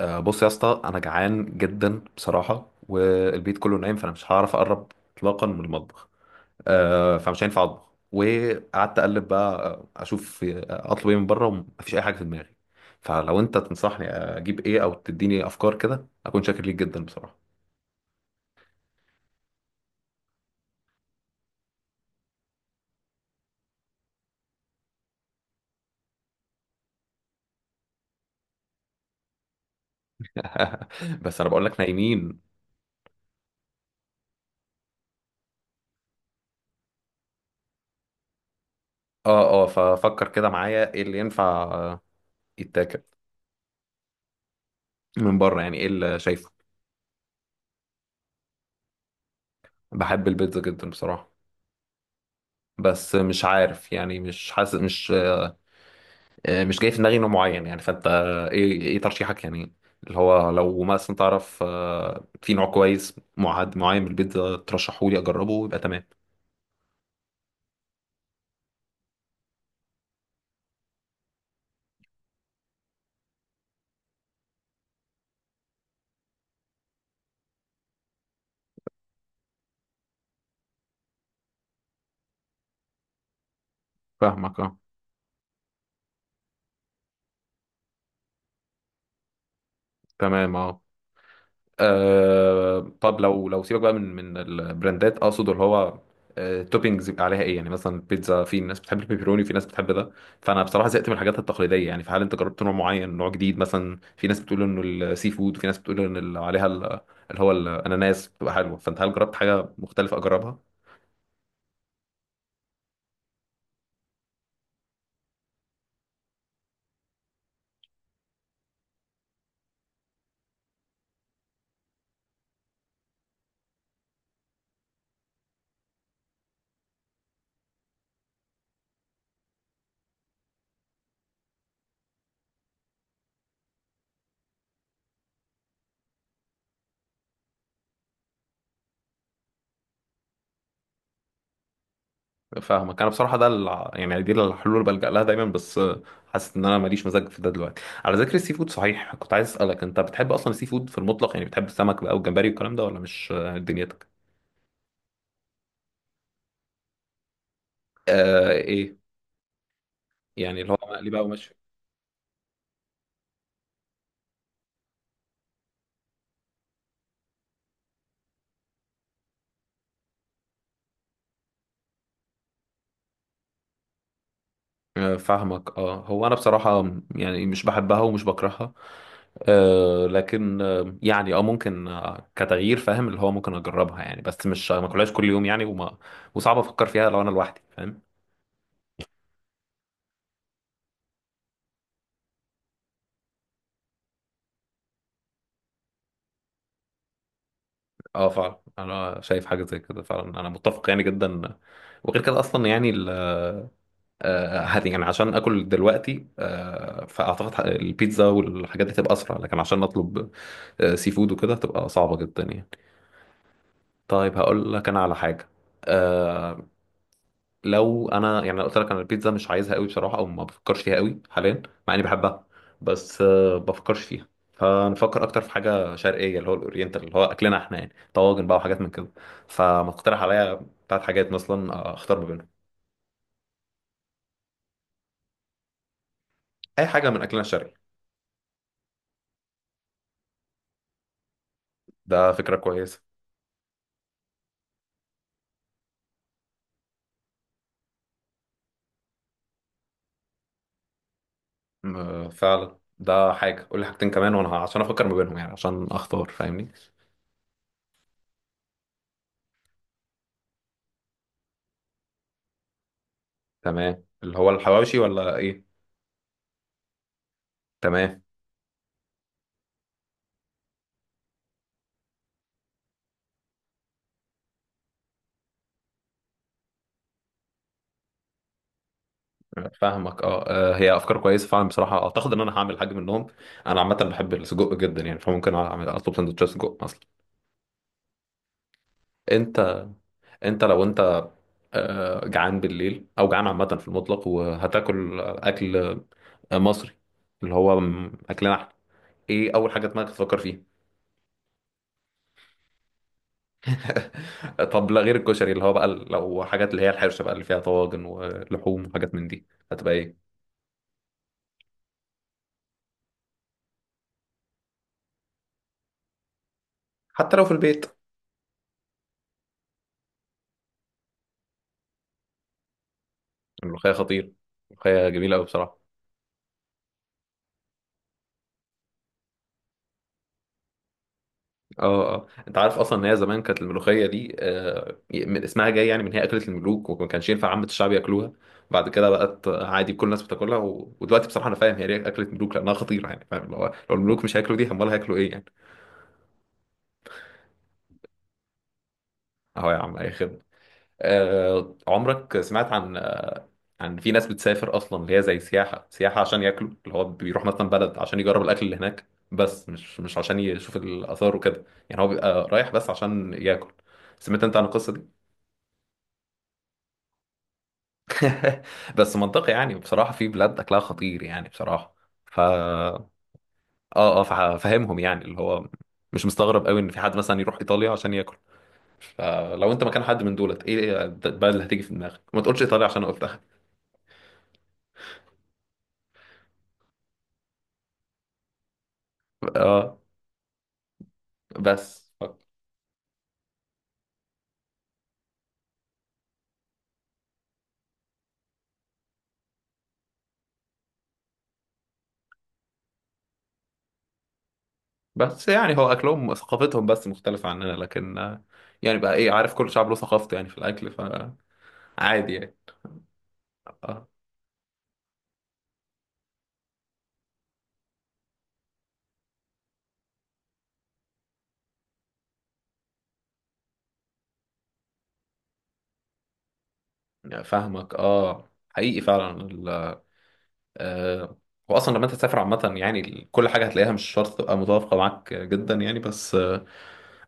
بص يا اسطى انا جعان جدا بصراحه، والبيت كله نايم، فانا مش هعرف اقرب اطلاقا من المطبخ. فمش هينفع اطبخ. وقعدت اقلب بقى اشوف اطلب ايه من بره، ومفيش اي حاجه في دماغي. فلو انت تنصحني اجيب ايه او تديني افكار كده، اكون شاكر ليك جدا بصراحه. بس انا بقول لك نايمين. اه اه، ففكر كده معايا ايه اللي ينفع يتاكل من بره، يعني ايه اللي شايفه؟ بحب البيتزا جدا بصراحه، بس مش عارف يعني، مش حاسس، مش جاي في دماغي نوع معين يعني. فانت ايه ايه ترشيحك يعني؟ اللي هو لو مثلا تعرف في نوع كويس معد معين من البيتزا ترشحه لي اجربه، يبقى تمام. فاهمك اه. تمام اه. آه، طب لو لو سيبك بقى من البراندات، اقصد اللي هو آه، توبينجز يبقى عليها ايه يعني؟ مثلا البيتزا في ناس بتحب البيبروني، في ناس بتحب ده. فانا بصراحه زهقت من الحاجات التقليديه يعني. فهل انت جربت نوع معين، نوع جديد؟ مثلا في ناس بتقول انه السي فود، وفي ناس بتقول ان ال- عليها ال- اللي هو الاناناس بتبقى حلوه. فانت هل جربت حاجه مختلفه اجربها؟ فاهمك. انا بصراحه ده الع- يعني دي الحلول اللي بلجأ لها دايما، بس حاسس ان انا ماليش مزاج في ده دلوقتي. على ذكر السي فود، صحيح كنت عايز اسالك، انت بتحب اصلا السي فود في المطلق؟ يعني بتحب السمك بقى والجمبري والكلام ده، ولا مش دنيتك؟ آه ايه. يعني اللي هو مقلي بقى ومشوي؟ فاهمك اه. هو انا بصراحه يعني مش بحبها ومش بكرهها. آه، لكن آه يعني اه ممكن آه كتغيير، فاهم اللي هو، ممكن اجربها يعني، بس مش ما اكلهاش كل يوم يعني. وما وصعب افكر فيها لو انا لوحدي، فاهم؟ اه فعلا، انا شايف حاجه زي كده فعلا، انا متفق يعني جدا. وغير كده اصلا يعني ال هت- يعني عشان اكل دلوقتي، فاعتقد ح- البيتزا والحاجات دي تبقى اسرع. لكن عشان اطلب سي فود وكده، تبقى صعبه جدا يعني. طيب هقول لك انا على حاجه. آه، لو انا يعني، لو قلت لك انا البيتزا مش عايزها قوي بصراحه، او ما بفكرش فيها قوي حاليا، مع اني بحبها، بس بفكرش فيها. فنفكر اكتر في حاجه شرقيه، اللي هو الاورينتال، اللي هو اكلنا احنا يعني، طواجن بقى وحاجات من كده. فما تقترح عليا ثلاث حاجات مثلا اختار ما بينهم؟ اي حاجه من اكلنا الشرقي. ده فكره كويسه. م- فعلا ده حاجه. قول لي حاجتين كمان وانا ه- عشان افكر ما بينهم يعني، عشان اختار، فاهمني؟ تمام، اللي هو الحواوشي ولا ايه؟ تمام. فاهمك اه. هي افكار كويسه فعلا بصراحه، اعتقد ان انا هعمل حاجه منهم. انا عامه بحب السجق جدا يعني، فممكن اعمل اطلب سندوتشات سجق اصلا. انت، انت لو انت جعان بالليل، او جعان عامه في المطلق، وهتاكل اكل مصري، اللي هو م- اكلنا احنا، ايه اول حاجه دماغك تفكر فيها؟ طب لا، غير الكشري، اللي هو بقى ال- لو حاجات اللي هي الحرشه بقى، اللي فيها طواجن ولحوم وحاجات من دي، هتبقى ايه؟ حتى لو في البيت. الملوخيه خطير. الملوخيه جميله قوي بصراحه. اه اه، انت عارف اصلا ان هي زمان كانت الملوخيه دي آه، من اسمها جاي يعني، من هي اكله الملوك، وما كانش ينفع عامه الشعب ياكلوها؟ بعد كده بقت عادي كل الناس بتاكلها، و... ودلوقتي بصراحه انا فاهم هي ليه اكله ملوك، لانها خطيره يعني. فاهم، لو الملوك مش هياكلوا دي، امال هياكلوا ايه يعني؟ اهو يا عم، اي خدمه. آه، عمرك سمعت عن، عن في ناس بتسافر اصلا اللي هي زي سياحه، سياحه عشان ياكلوا؟ اللي هو بيروح مثلا بلد عشان يجرب الاكل اللي هناك، بس مش مش عشان يشوف الاثار وكده. يعني هو بيبقى رايح بس عشان ياكل. سمعت انت عن القصه دي؟ بس منطقي يعني، بصراحة في بلاد أكلها خطير يعني بصراحة. فا آه آه، فا- فاهمهم يعني، اللي هو مش مستغرب قوي إن في حد مثلا يروح إيطاليا عشان ياكل. فلو أنت مكان حد من دولت، إيه البلد اللي هتيجي في دماغك؟ ما تقولش إيطاليا عشان أنا قلتها. آه. بس، بس يعني هو أكلهم، ثقافتهم بس مختلفة عننا، لكن يعني بقى إيه، عارف، كل شعب له ثقافته يعني في الأكل، فعادي يعني. آه، فاهمك آه، حقيقي فعلا. آه، واصلا لما انت تسافر عامه يعني، ال- كل حاجه هتلاقيها مش شرط تبقى متوافقه معاك جدا يعني. بس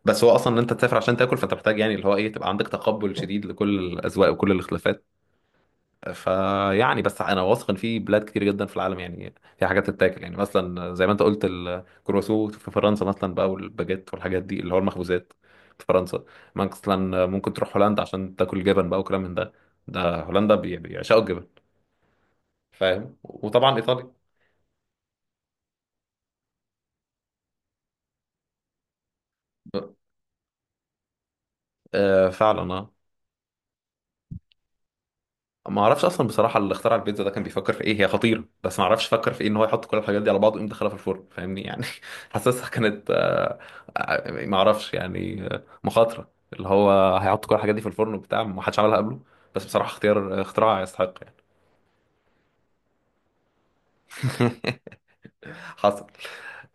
بس هو اصلا ان انت تسافر عشان تاكل، فانت محتاج يعني اللي هو ايه، تبقى عندك تقبل شديد لكل الاذواق وكل الاختلافات. فيعني، بس انا واثق ان في بلاد كتير جدا في العالم يعني، في حاجات تتاكل. يعني مثلا زي ما انت قلت الكرواسو في فرنسا مثلا بقى، والباجيت والحاجات دي اللي هو المخبوزات في فرنسا. مثلا ممكن تروح هولندا عشان تاكل جبن بقى وكلام من ده. ده هولندا بي- بيعشقوا الجبن، فاهم؟ وطبعا ايطاليا. فعلا اه. ما اعرفش اصلا بصراحه اللي اخترع البيتزا ده كان بيفكر في ايه. هي خطيره، بس ما اعرفش فكر في ايه ان هو يحط كل الحاجات دي على بعض ويقوم دخلها في الفرن، فاهمني يعني؟ حاسسها كانت ما اعرفش يعني، مخاطره اللي هو هيحط كل الحاجات دي في الفرن وبتاع، ما حدش عملها قبله. بس بصراحه اختيار، اختراع يستحق يعني. حصل.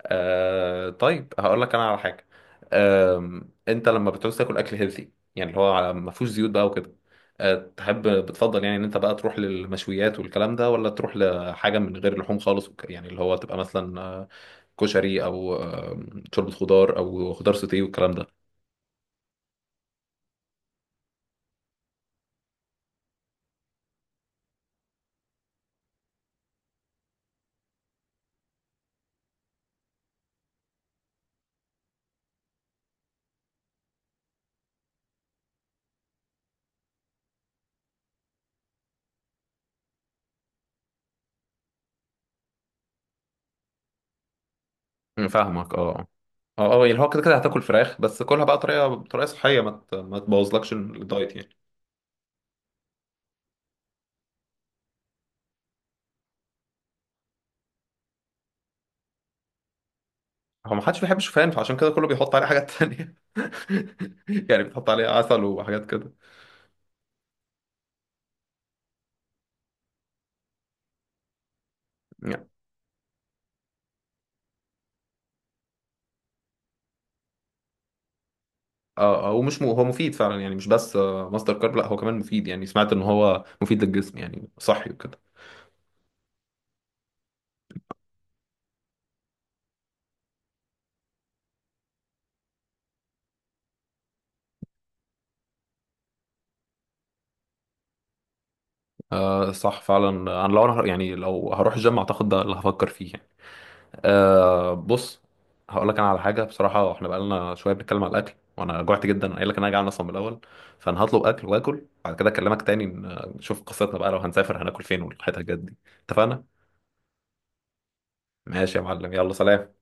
آه، طيب هقول لك انا على حاجه. آه، انت لما بتعوز تاكل اكل هيلثي يعني، اللي هو على- ما فيهوش زيوت بقى وكده، آه، تحب بتفضل يعني ان انت بقى تروح للمشويات والكلام ده، ولا تروح لحاجه من غير لحوم خالص وك- يعني اللي هو تبقى مثلا كشري، او شوربه خضار، او خضار سوتيه والكلام ده؟ فاهمك اه. اه اه، يعني هو كده كده هتاكل فراخ، بس كلها بقى طريقه صحيه، ما ت- ما تبوظلكش الدايت يعني. هو ما حدش بيحب الشوفان، فعشان كده كله بيحط عليه حاجات تانية. يعني بيحط عليه عسل وحاجات كده يعني. اه، ومش م... هو مفيد فعلا يعني، مش بس مصدر كارب، لا هو كمان مفيد يعني. سمعت ان هو مفيد للجسم يعني، صحي وكده. آه صح فعلا. انا لو انا ه- يعني لو هروح الجيم، اعتقد ده اللي هفكر فيه يعني. آه بص، هقول لك انا على حاجه بصراحه. احنا بقالنا شويه بنتكلم على الاكل وانا جوعت جدا، أنا قايل لك انا جعان اصلا من الاول. فانا هطلب اكل، واكل بعد كده اكلمك تاني ن- نشوف قصتنا بقى، لو هنسافر هناكل فين، والحته الجد دي. اتفقنا؟ ماشي يا معلم، يلا سلام.